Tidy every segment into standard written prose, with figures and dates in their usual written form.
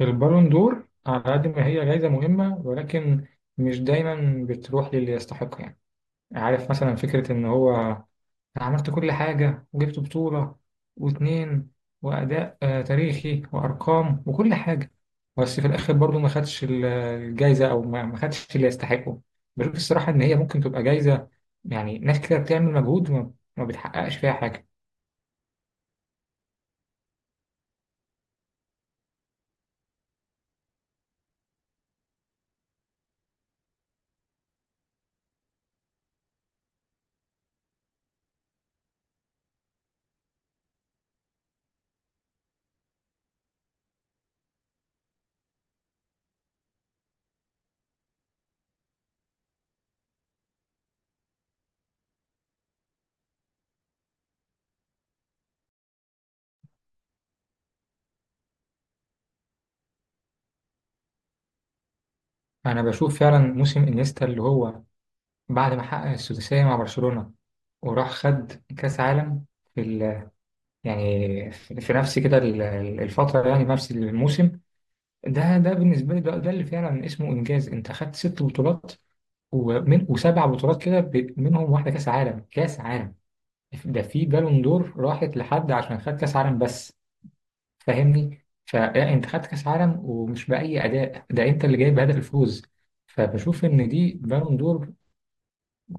البالون دور على قد ما هي جايزة مهمة، ولكن مش دايما بتروح للي يستحق. يعني عارف مثلا فكرة إن هو أنا عملت كل حاجة وجبت بطولة واتنين وأداء تاريخي وأرقام وكل حاجة، بس في الآخر برضو ما خدش الجايزة أو ما خدش اللي يستحقه. بشوف الصراحة إن هي ممكن تبقى جايزة يعني ناس كده بتعمل مجهود وما ما بتحققش فيها حاجة. أنا بشوف فعلا موسم إنيستا اللي هو بعد ما حقق السداسية مع برشلونة وراح خد كأس عالم في ال... يعني في نفس كده الفترة، يعني في نفس الموسم. ده بالنسبة لي ده اللي فعلا اسمه إنجاز. أنت خدت ست بطولات ومن وسبع بطولات كده، منهم واحدة كأس عالم. كأس عالم ده في بالون دور راحت لحد عشان خد كأس عالم بس. فاهمني؟ فأنت خدت كأس عالم، ومش بأي أداء، ده أنت اللي جايب هدف الفوز. فبشوف إن دي بالون دور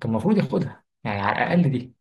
كان المفروض ياخدها يعني على الأقل دي.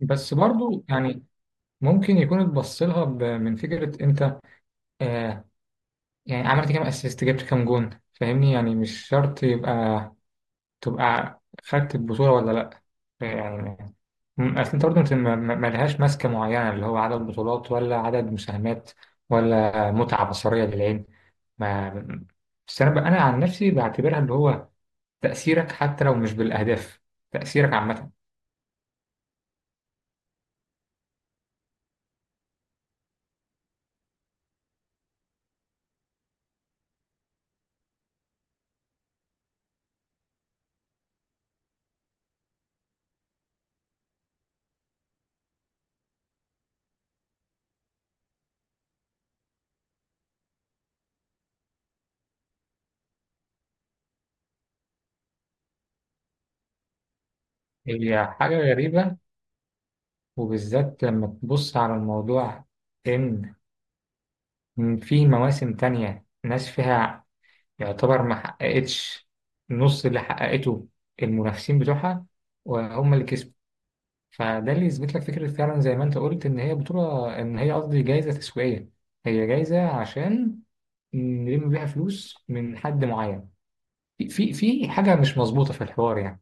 بس برضو يعني ممكن يكون اتبص لها من فكرة انت، آه، يعني عملت كام اسيست، جبت كام جون، فاهمني؟ يعني مش شرط تبقى خدت البطولة ولا لأ. يعني اصل انت برضو انت ملهاش ماسكة معينة اللي هو عدد بطولات ولا عدد مساهمات ولا متعة بصرية للعين. ما بس انا انا عن نفسي بعتبرها اللي هو تأثيرك حتى لو مش بالأهداف، تأثيرك عامة. هي حاجة غريبة، وبالذات لما تبص على الموضوع إن في مواسم تانية ناس فيها يعتبر ما حققتش نص اللي حققته المنافسين بتوعها وهم اللي كسبوا. فده اللي يثبت لك فكرة فعلا زي ما أنت قلت إن هي بطولة، إن هي قصدي جايزة تسويقية. هي جايزة عشان نلم بيها فلوس من حد معين. في حاجة مش مظبوطة في الحوار يعني.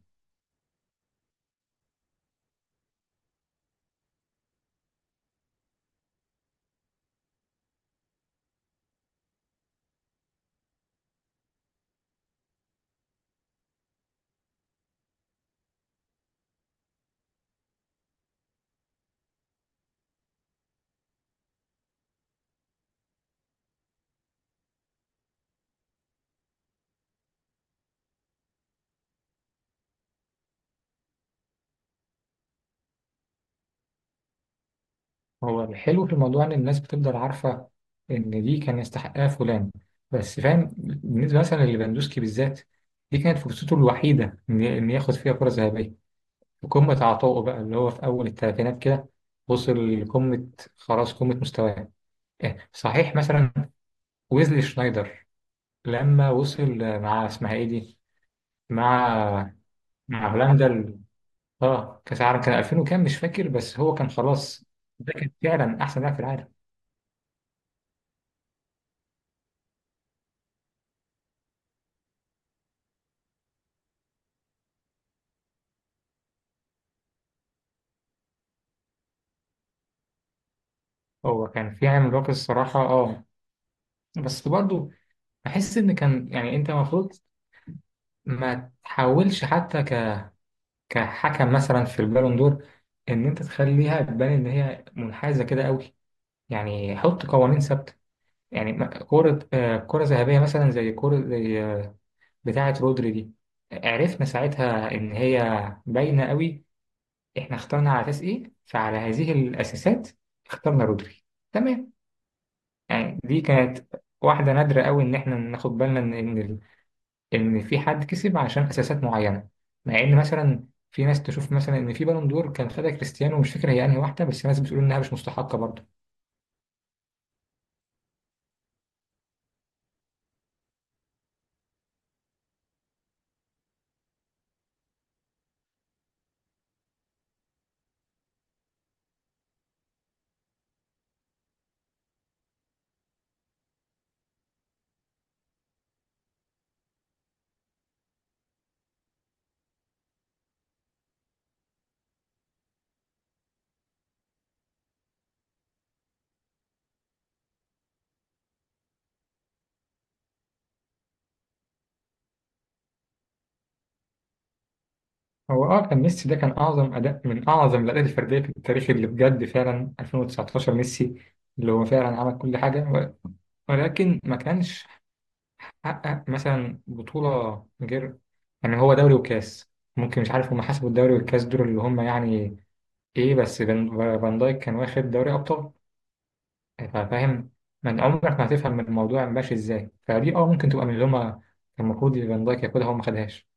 هو الحلو في الموضوع ان الناس بتفضل عارفه ان دي كان يستحقها فلان. بس فاهم بالنسبه مثلا لليفاندوسكي بالذات، دي كانت فرصته الوحيده إن ياخد فيها كره ذهبيه في قمه عطائه، بقى اللي هو في اول الثلاثينات كده، وصل لقمه، خلاص قمه مستواه. إيه، صحيح مثلا ويزلي شنايدر لما وصل مع اسمها ايه دي، مع مع هولندا اه كاس العالم، كان 2000 وكام مش فاكر، بس هو كان خلاص ده كان فعلا احسن لاعب في العالم. هو كان في عامل باقي الصراحة، اه، بس برضو بحس ان كان يعني انت المفروض ما تحاولش حتى كحكم مثلا في البالون دور ان انت تخليها تبان ان هي منحازة كده قوي. يعني حط قوانين ثابتة. يعني كرة كرة ذهبية مثلا زي كرة زي بتاعة رودري دي، عرفنا ساعتها ان هي باينة قوي احنا اخترنا على اساس ايه، فعلى هذه الاساسات اخترنا رودري. تمام؟ يعني دي كانت واحدة نادرة قوي إن إحنا ناخد بالنا إن في حد كسب عشان أساسات معينة. مع إن مثلا في ناس تشوف مثلا إن في بالون دور كان خدها كريستيانو، مش فاكر هي أنهي واحدة، بس ناس بتقول إنها مش مستحقة برضه. هو أه كان ميسي ده كان أعظم أداء من أعظم الأداءات الفردية في التاريخ اللي بجد فعلا، 2019 ميسي، اللي هو فعلا عمل كل حاجة، ولكن ما كانش حقق مثلا بطولة غير يعني هو دوري وكاس. ممكن مش عارف هم حسبوا الدوري والكاس دول اللي هم يعني ايه، بس فان دايك كان واخد دوري ابطال، فاهم؟ من عمرك ما هتفهم من الموضوع ماشي ازاي. فدي اه ممكن تبقى من اللي هما كان المفروض فان دايك ياخدها هو ما خدهاش.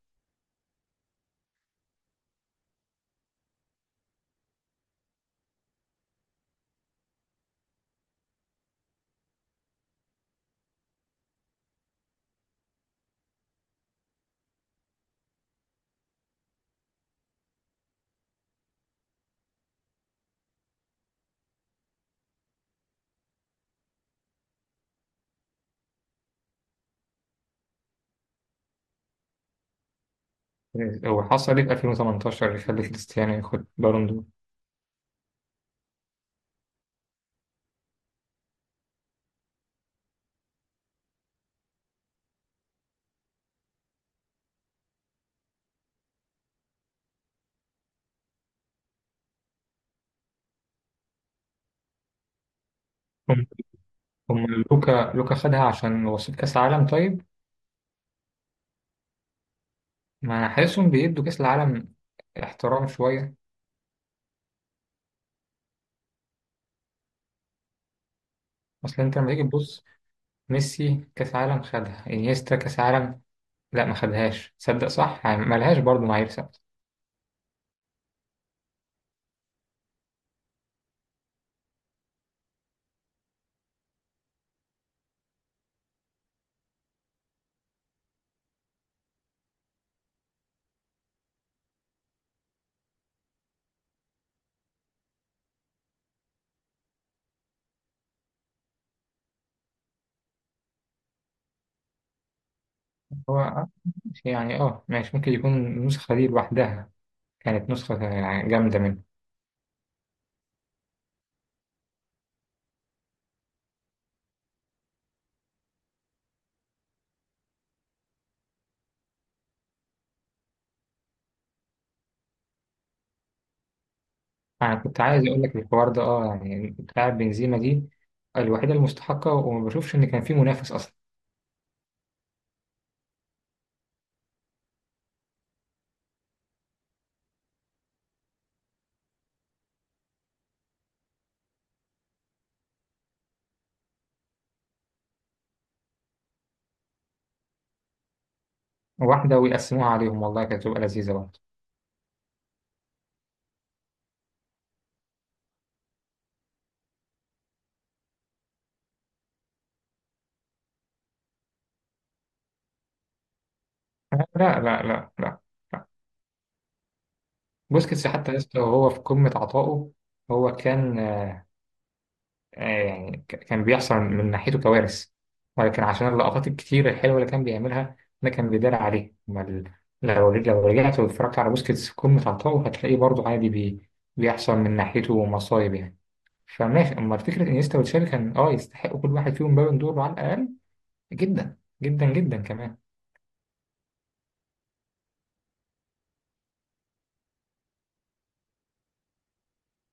وحصل ايه في 2018 اللي خلى كريستيانو ياخد بالون دور؟ هم هم لوكا خدها عشان وصيف كاس العالم طيب. ما انا حاسسهم بيدوا كاس العالم احترام شويه. اصل انت لما تيجي تبص، ميسي كاس عالم خدها، انيستا كاس عالم لا ما خدهاش، تصدق صح؟ يعني ما لهاش برضه معايير. هو يعني اه ماشي ممكن يكون النسخة دي لوحدها كانت نسخة يعني جامدة منه. أنا كنت عايز أقول لك الحوار ده اه يعني بتاع بنزيما دي، الوحيدة المستحقة وما بشوفش إن كان في منافس أصلا. واحدة ويقسموها عليهم والله كانت تبقى لذيذة برضه. لا. بوسكيتس حتى لسه وهو في قمة عطائه هو كان يعني كان بيحصل من ناحيته كوارث، ولكن عشان اللقطات الكتير الحلوة اللي كان بيعملها ده كان بيدار عليه. أما لو لو رجعت واتفرجت على بوسكيتس في قمة عطائه هتلاقيه برضه عادي بي بيحصل من ناحيته مصايب يعني. فماشي، أما فكرة إنيستا وتشافي كان أه يستحقوا كل واحد فيهم بالون دور على الأقل، جدا جدا جدا كمان.